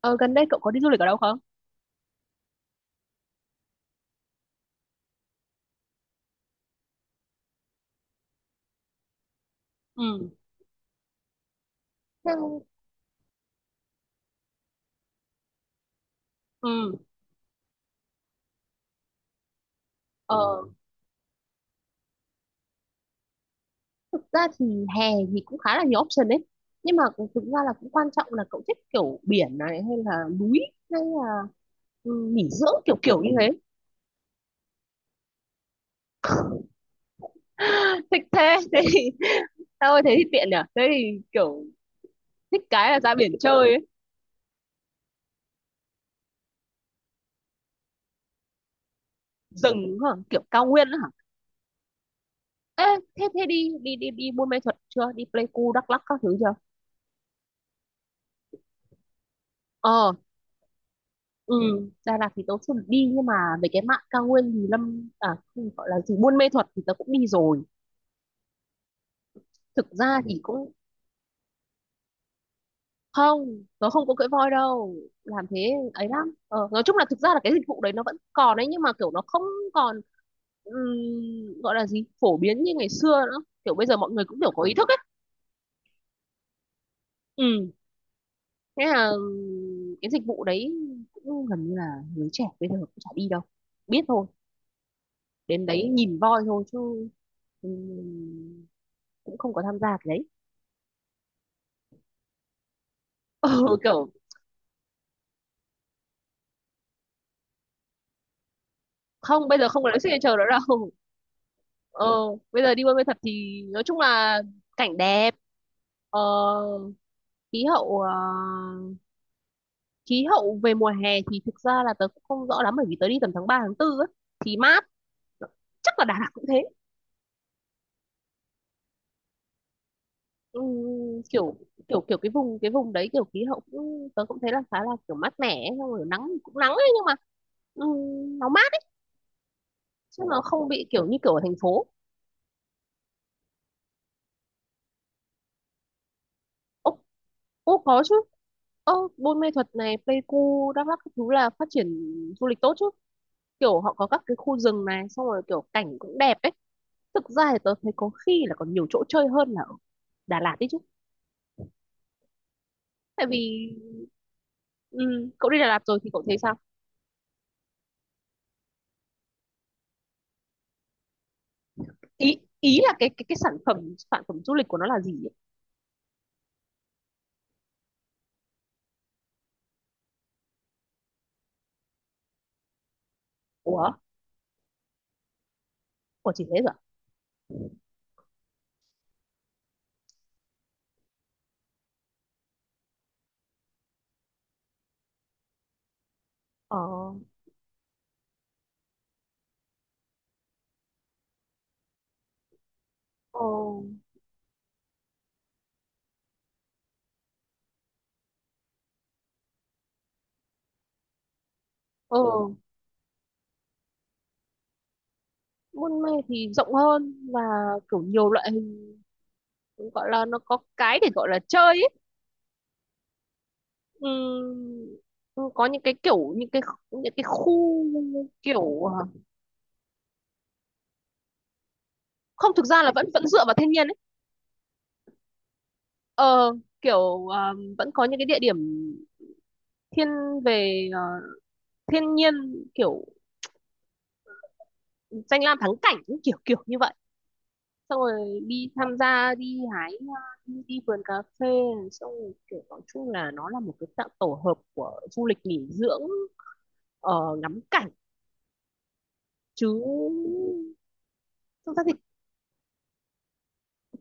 Ờ, Gần đây cậu có đi du lịch ở đâu không? Ừ, Theo- ừ, ờ, thực ra thì hè thì cũng khá là nhiều option đấy thực ra là cũng quan trọng là cậu thích kiểu biển này hay là núi hay là nghỉ dưỡng kiểu kiểu như thế thích thế. Thế thì, tao ơi, thế thì tiện nhỉ? Thế thì kiểu thích cái là ra biển chơi ấy. Rừng hả? Kiểu cao nguyên hả? Ê, thế thế đi đi đi đi Buôn Mê thuật chưa, đi Pleiku Đắk Lắk các thứ chưa? Ờ, Ừ, Đà Lạt thì tớ chưa được đi, nhưng mà về cái mạn cao nguyên thì Lâm à, không, gọi là gì, Buôn Mê Thuột thì tớ cũng đi rồi. Thực ra thì cũng không, tớ không có cưỡi voi đâu, làm thế ấy lắm. Ờ, nói chung là thực ra là cái dịch vụ đấy nó vẫn còn ấy, nhưng mà kiểu nó không còn gọi là gì, phổ biến như ngày xưa nữa. Kiểu bây giờ mọi người cũng kiểu có ý thức ấy. Ừ, thế là cái dịch vụ đấy cũng gần như là người trẻ bây giờ cũng chả đi đâu, biết thôi, đến đấy nhìn voi thôi chứ ừm, cũng không có tham gia cái đấy. Ừ, kiểu không, bây giờ không có lấy signature nữa đâu. Ờ, Ừ. Bây giờ đi buôn mê thuật thì nói chung là cảnh đẹp, ờ, khí hậu, khí hậu về mùa hè thì thực ra là tớ cũng không rõ lắm, bởi vì tớ đi tầm tháng 3 tháng tư á, thì mát. Chắc là Đà Lạt cũng thế. Kiểu kiểu kiểu cái vùng đấy kiểu khí hậu cũng tớ cũng thấy là khá là kiểu mát mẻ ấy, xong rồi nắng cũng nắng ấy, nhưng mà nó mát chứ nó không bị kiểu như kiểu ở thành phố. Ô có chứ. Ơ, Buôn Mê Thuật này, Pleiku, Đắk Lắk các thứ là phát triển du lịch tốt chứ. Kiểu họ có các cái khu rừng này, xong rồi kiểu cảnh cũng đẹp ấy. Thực ra thì tớ thấy có khi là còn nhiều chỗ chơi hơn là ở Đà Lạt đấy chứ. Tại vì ừ, cậu đi Đà Lạt rồi thì cậu thấy sao? Ý ý là cái cái sản phẩm du lịch của nó là gì ấy? Ủa, của chỉ thế rồi. Ờ, ờ, ờ. Buôn Mê thì rộng hơn, và kiểu nhiều loại hình, gọi là nó có cái để gọi là chơi ấy. Ừm, ừ, có những cái kiểu những cái khu kiểu không, thực ra là vẫn vẫn dựa vào thiên nhiên ấy. Ờ, kiểu vẫn có những cái địa điểm thiên về thiên nhiên, kiểu danh lam thắng cảnh những kiểu kiểu như vậy, xong rồi đi tham gia đi hái hoa, đi, đi vườn cà phê, xong rồi kiểu nói chung là nó là một cái dạng tổ hợp của du lịch nghỉ dưỡng, ờ, ngắm cảnh chứ thực ra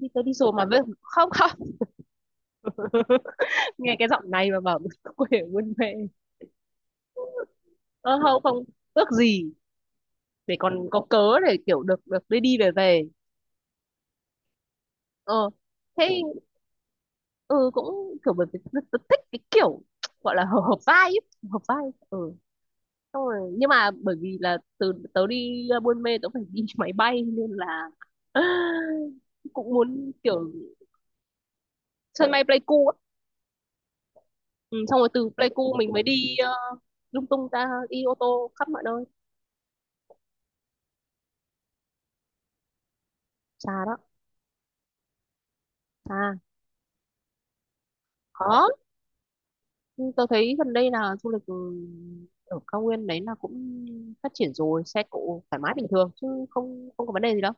thì tớ đi rồi mà, với không không. Nghe cái giọng này mà bảo quê ở buôn mê. Ơ không không, ước gì, để còn có cớ để kiểu được được đi đi về về ờ Thế ừ, cũng kiểu bởi vì rất thích cái kiểu, gọi là hợp hợp vai ấy. Hợp vai. Ừ, xong rồi nhưng mà bởi vì là từ tớ đi Buôn Mê tớ phải đi máy bay nên là cũng muốn kiểu sân bay Pleiku á. Ừ, xong rồi từ Pleiku mình mới đi lung tung ra, đi ô tô khắp mọi nơi. Xa đó. Xa. Khó. Tôi thấy gần đây là du lịch ở cao nguyên đấy là cũng phát triển rồi, xe cộ thoải mái bình thường chứ không, không có vấn đề gì đâu.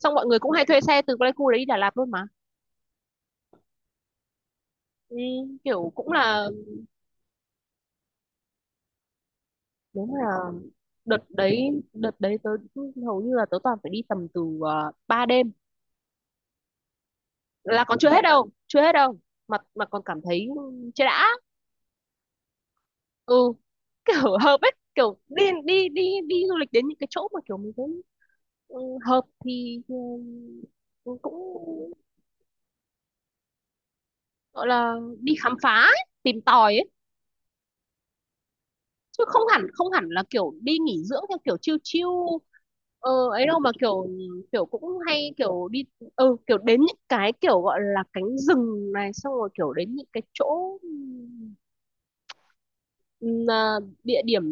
Xong mọi người cũng hay thuê xe từ Pleiku đấy đi Đà Lạt luôn mà. Ừ, kiểu cũng là, nếu mà đợt đấy tớ hầu như là tớ toàn phải đi tầm từ 3 đêm là còn chưa hết đâu, chưa hết đâu, mà còn cảm thấy chưa đã. Ừ, kiểu hợp ấy, kiểu đi đi đi đi du lịch đến những cái chỗ mà kiểu mình thấy ừ, hợp thì ừ, cũng gọi là đi khám phá ấy, tìm tòi ấy, chứ không hẳn là kiểu đi nghỉ dưỡng theo kiểu chill chill ấy đâu, mà kiểu kiểu cũng hay kiểu đi ừ, kiểu đến những cái kiểu gọi là cánh rừng này, xong rồi kiểu đến những cái chỗ ừm, à, địa điểm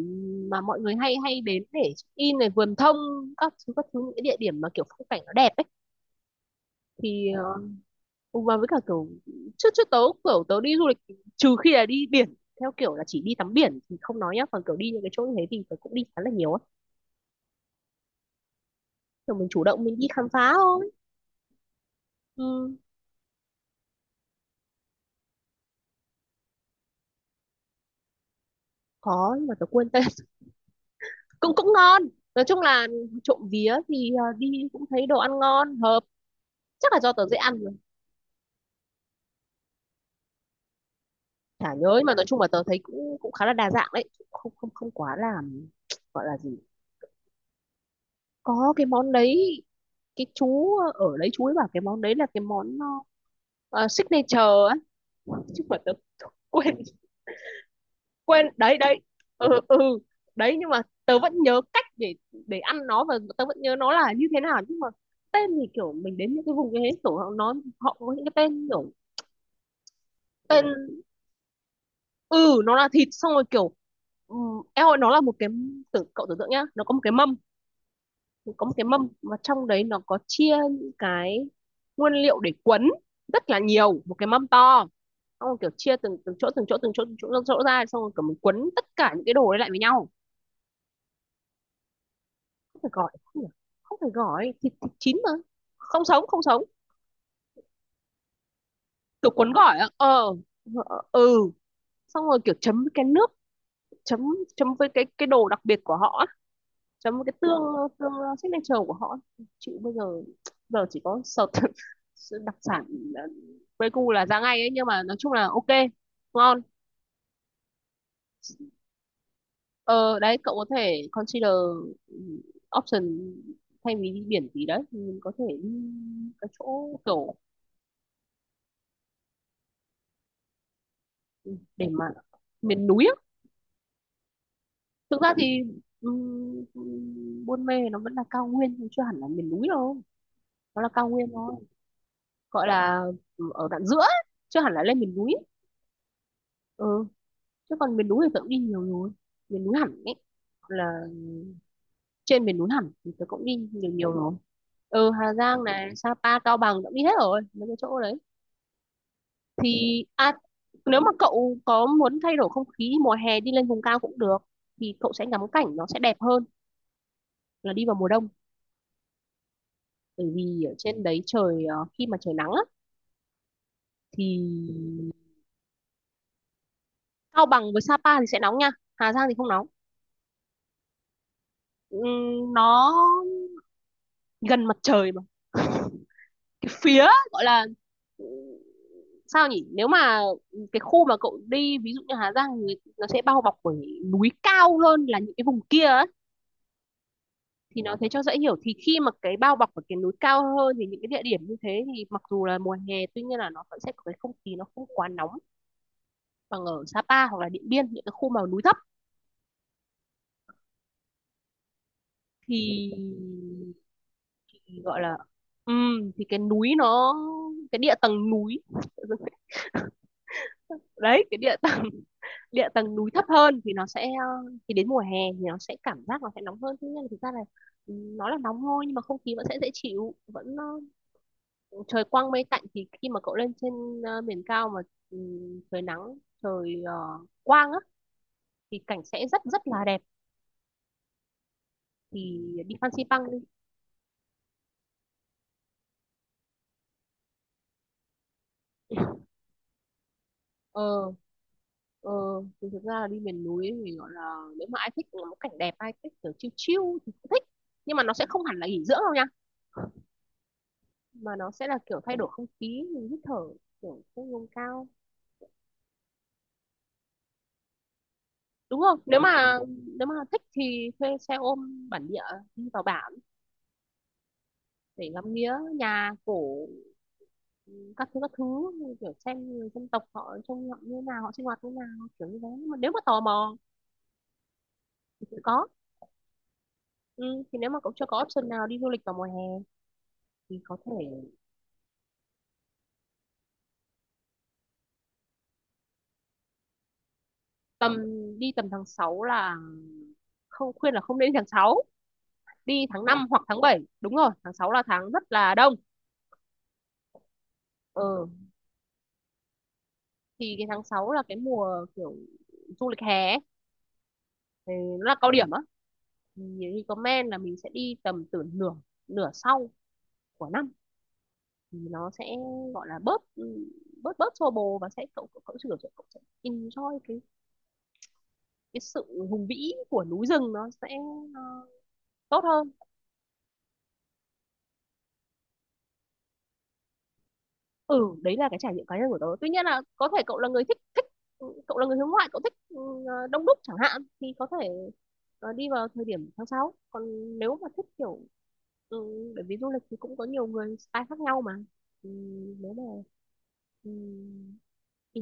mà mọi người hay hay đến để check in này, vườn thông, các thứ, những cái địa điểm mà kiểu phong cảnh nó đẹp ấy, thì Ừ. Và với cả kiểu trước trước tớ kiểu tớ đi du lịch, trừ khi là đi biển theo kiểu là chỉ đi tắm biển thì không nói nhá, còn kiểu đi những cái chỗ như thế thì tớ cũng đi khá là nhiều á, kiểu mình chủ động mình đi khám phá thôi. Ừ, có nhưng mà tớ quên tên. Cũng cũng ngon. Nói chung là trộm vía thì à, đi cũng thấy đồ ăn ngon hợp, chắc là do tớ dễ ăn rồi. Chả nhớ nhưng mà nói chung là tớ thấy cũng cũng khá là đa dạng đấy, không không không quá là, gọi là gì. Có cái món đấy, cái chú ở đấy chú ấy bảo cái món đấy là cái món signature á, chứ mà tớ quên quên đấy đấy. Ừ ừ, đấy nhưng mà tớ vẫn nhớ cách để ăn nó, và tớ vẫn nhớ nó là như thế nào, nhưng mà tên thì kiểu mình đến những cái vùng như thế kiểu họ nó họ có những cái tên kiểu tên. Ừ, nó là thịt xong rồi kiểu em ơi, nó là một cái, tưởng cậu tưởng tượng nhá, nó có một cái mâm, có một cái mâm mà trong đấy nó có chia những cái nguyên liệu để quấn, rất là nhiều, một cái mâm to, xong rồi kiểu chia từng từng chỗ từng chỗ từng chỗ từng chỗ, từng chỗ ra, xong rồi kiểu mình quấn tất cả những cái đồ đấy lại với nhau. Phải gọi không nhỉ? Không phải gọi thịt, thịt chín mà, không sống, không sống, kiểu cuốn gỏi á. Ờ, ờ, ừ, xong rồi kiểu chấm với cái nước chấm, chấm với cái đồ đặc biệt của họ á, chấm với cái tương, tương signature của họ á. Chịu, bây giờ giờ chỉ có search đặc sản ờ, Pleiku là ra ngay ấy, nhưng mà nói chung là ok, ngon. Ờ đấy, cậu có thể consider ừ, option, thay vì đi biển gì đấy thì mình có thể đi cái chỗ kiểu, để mà miền núi á. Thực ra thì ừm, Buôn Mê nó vẫn là cao nguyên nhưng chưa hẳn là miền núi đâu, nó là cao nguyên thôi, gọi là ừ, ở đoạn giữa ấy, chưa hẳn là lên miền núi. Ừ, chứ còn miền núi thì tớ cũng đi nhiều rồi, miền núi hẳn ấy, là trên miền núi hẳn thì tớ cũng đi nhiều nhiều rồi. Ừ, Hà Giang này, Sapa, Cao Bằng tớ cũng đi hết rồi mấy cái chỗ đấy. Thì à, nếu mà cậu có muốn thay đổi không khí mùa hè đi lên vùng cao cũng được, thì cậu sẽ ngắm cảnh nó sẽ đẹp hơn là đi vào mùa đông, bởi vì ở trên đấy trời khi mà trời nắng á, thì Cao Bằng với Sapa thì sẽ nóng nha, Hà Giang thì không nóng. Nó gần mặt trời mà. Cái phía, gọi là ừ, sao nhỉ, nếu mà cái khu mà cậu đi ví dụ như Hà Giang thì nó sẽ bao bọc bởi núi cao hơn là những cái vùng kia ấy. Thì nó thế cho dễ hiểu, thì khi mà cái bao bọc ở cái núi cao hơn thì những cái địa điểm như thế thì mặc dù là mùa hè tuy nhiên là nó vẫn sẽ có cái không khí nó không quá nóng bằng ở Sapa hoặc là Điện Biên, những cái khu mà núi thấp thì gọi là thì cái núi nó cái địa tầng núi đấy cái địa tầng, địa tầng núi thấp hơn thì nó sẽ ờ, thì đến mùa hè thì nó sẽ cảm giác nó sẽ nóng hơn. Thế nhưng mà thực ra là ừ, nó là nóng thôi nhưng mà không khí vẫn sẽ dễ chịu, vẫn ờ, trời quang mây tạnh. Thì khi mà cậu lên trên miền cao mà ừ, trời nắng, trời quang á, thì cảnh sẽ rất rất là đẹp. Thì đi Fansipan đi. Ờ, Ờ, thì thực ra là đi miền núi thì gọi là nếu mà ai thích ngắm cảnh đẹp, ai thích kiểu chill chill thì cũng thích, nhưng mà nó sẽ không hẳn là nghỉ dưỡng đâu nha, mà nó sẽ là kiểu thay đổi không khí mình hít thở, kiểu không ngông cao, đúng không? Nếu mà, nếu mà thích thì thuê xe ôm bản địa đi vào bản để ngắm nghía nhà cổ, các thứ, kiểu xem người dân tộc họ trông họ như nào, họ sinh hoạt như nào, kiểu như thế. Nhưng mà nếu mà tò mò thì cũng có. Ừ, thì nếu mà cậu chưa có option nào đi du lịch vào mùa hè thì có thể tầm, đi tầm tháng 6 là không, khuyên là không nên đi tháng sáu, đi tháng 5 hoặc tháng bảy, đúng rồi, tháng 6 là tháng rất là đông. Ừ. Thì cái tháng 6 là cái mùa kiểu du lịch hè ấy, thì nó là cao điểm á. Thì recommend là mình sẽ đi tầm từ nửa, nửa sau của năm, thì nó sẽ gọi là bớt ừ, bớt bớt xô bồ, và sẽ cậu cậu cậu sẽ enjoy cái sự hùng vĩ của núi rừng, nó sẽ ờ, tốt hơn. Ừ, đấy là cái trải nghiệm cá nhân của tớ, tuy nhiên là có thể cậu là người thích thích ừ, cậu là người hướng ngoại, cậu thích ừ, đông đúc chẳng hạn, thì có thể đi vào thời điểm tháng 6. Còn nếu mà thích kiểu ừ, bởi vì du lịch thì cũng có nhiều người style khác nhau mà. Ừ, nếu mà ừ, ừ,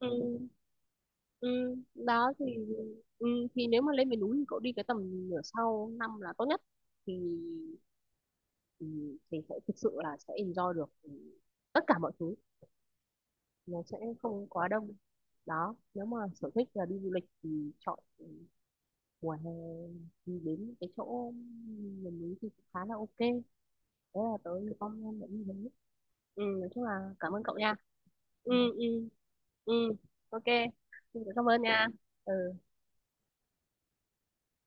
ừ, ừ, đó thì ừ, thì nếu mà lên miền núi thì cậu đi cái tầm nửa sau năm là tốt nhất, thì thì, thì sẽ thực sự là sẽ enjoy được ừ, tất cả mọi thứ, nó sẽ không quá đông. Đó, nếu mà sở thích là đi du lịch thì chọn ừ, mùa hè đi đến cái chỗ miền núi thì cũng khá là ok đấy, là tớ con em đã đi đấy. Ừ, nói chung là cảm ơn cậu nha. Ừ ừ ừ Ok, xin cảm ơn nha. Ừ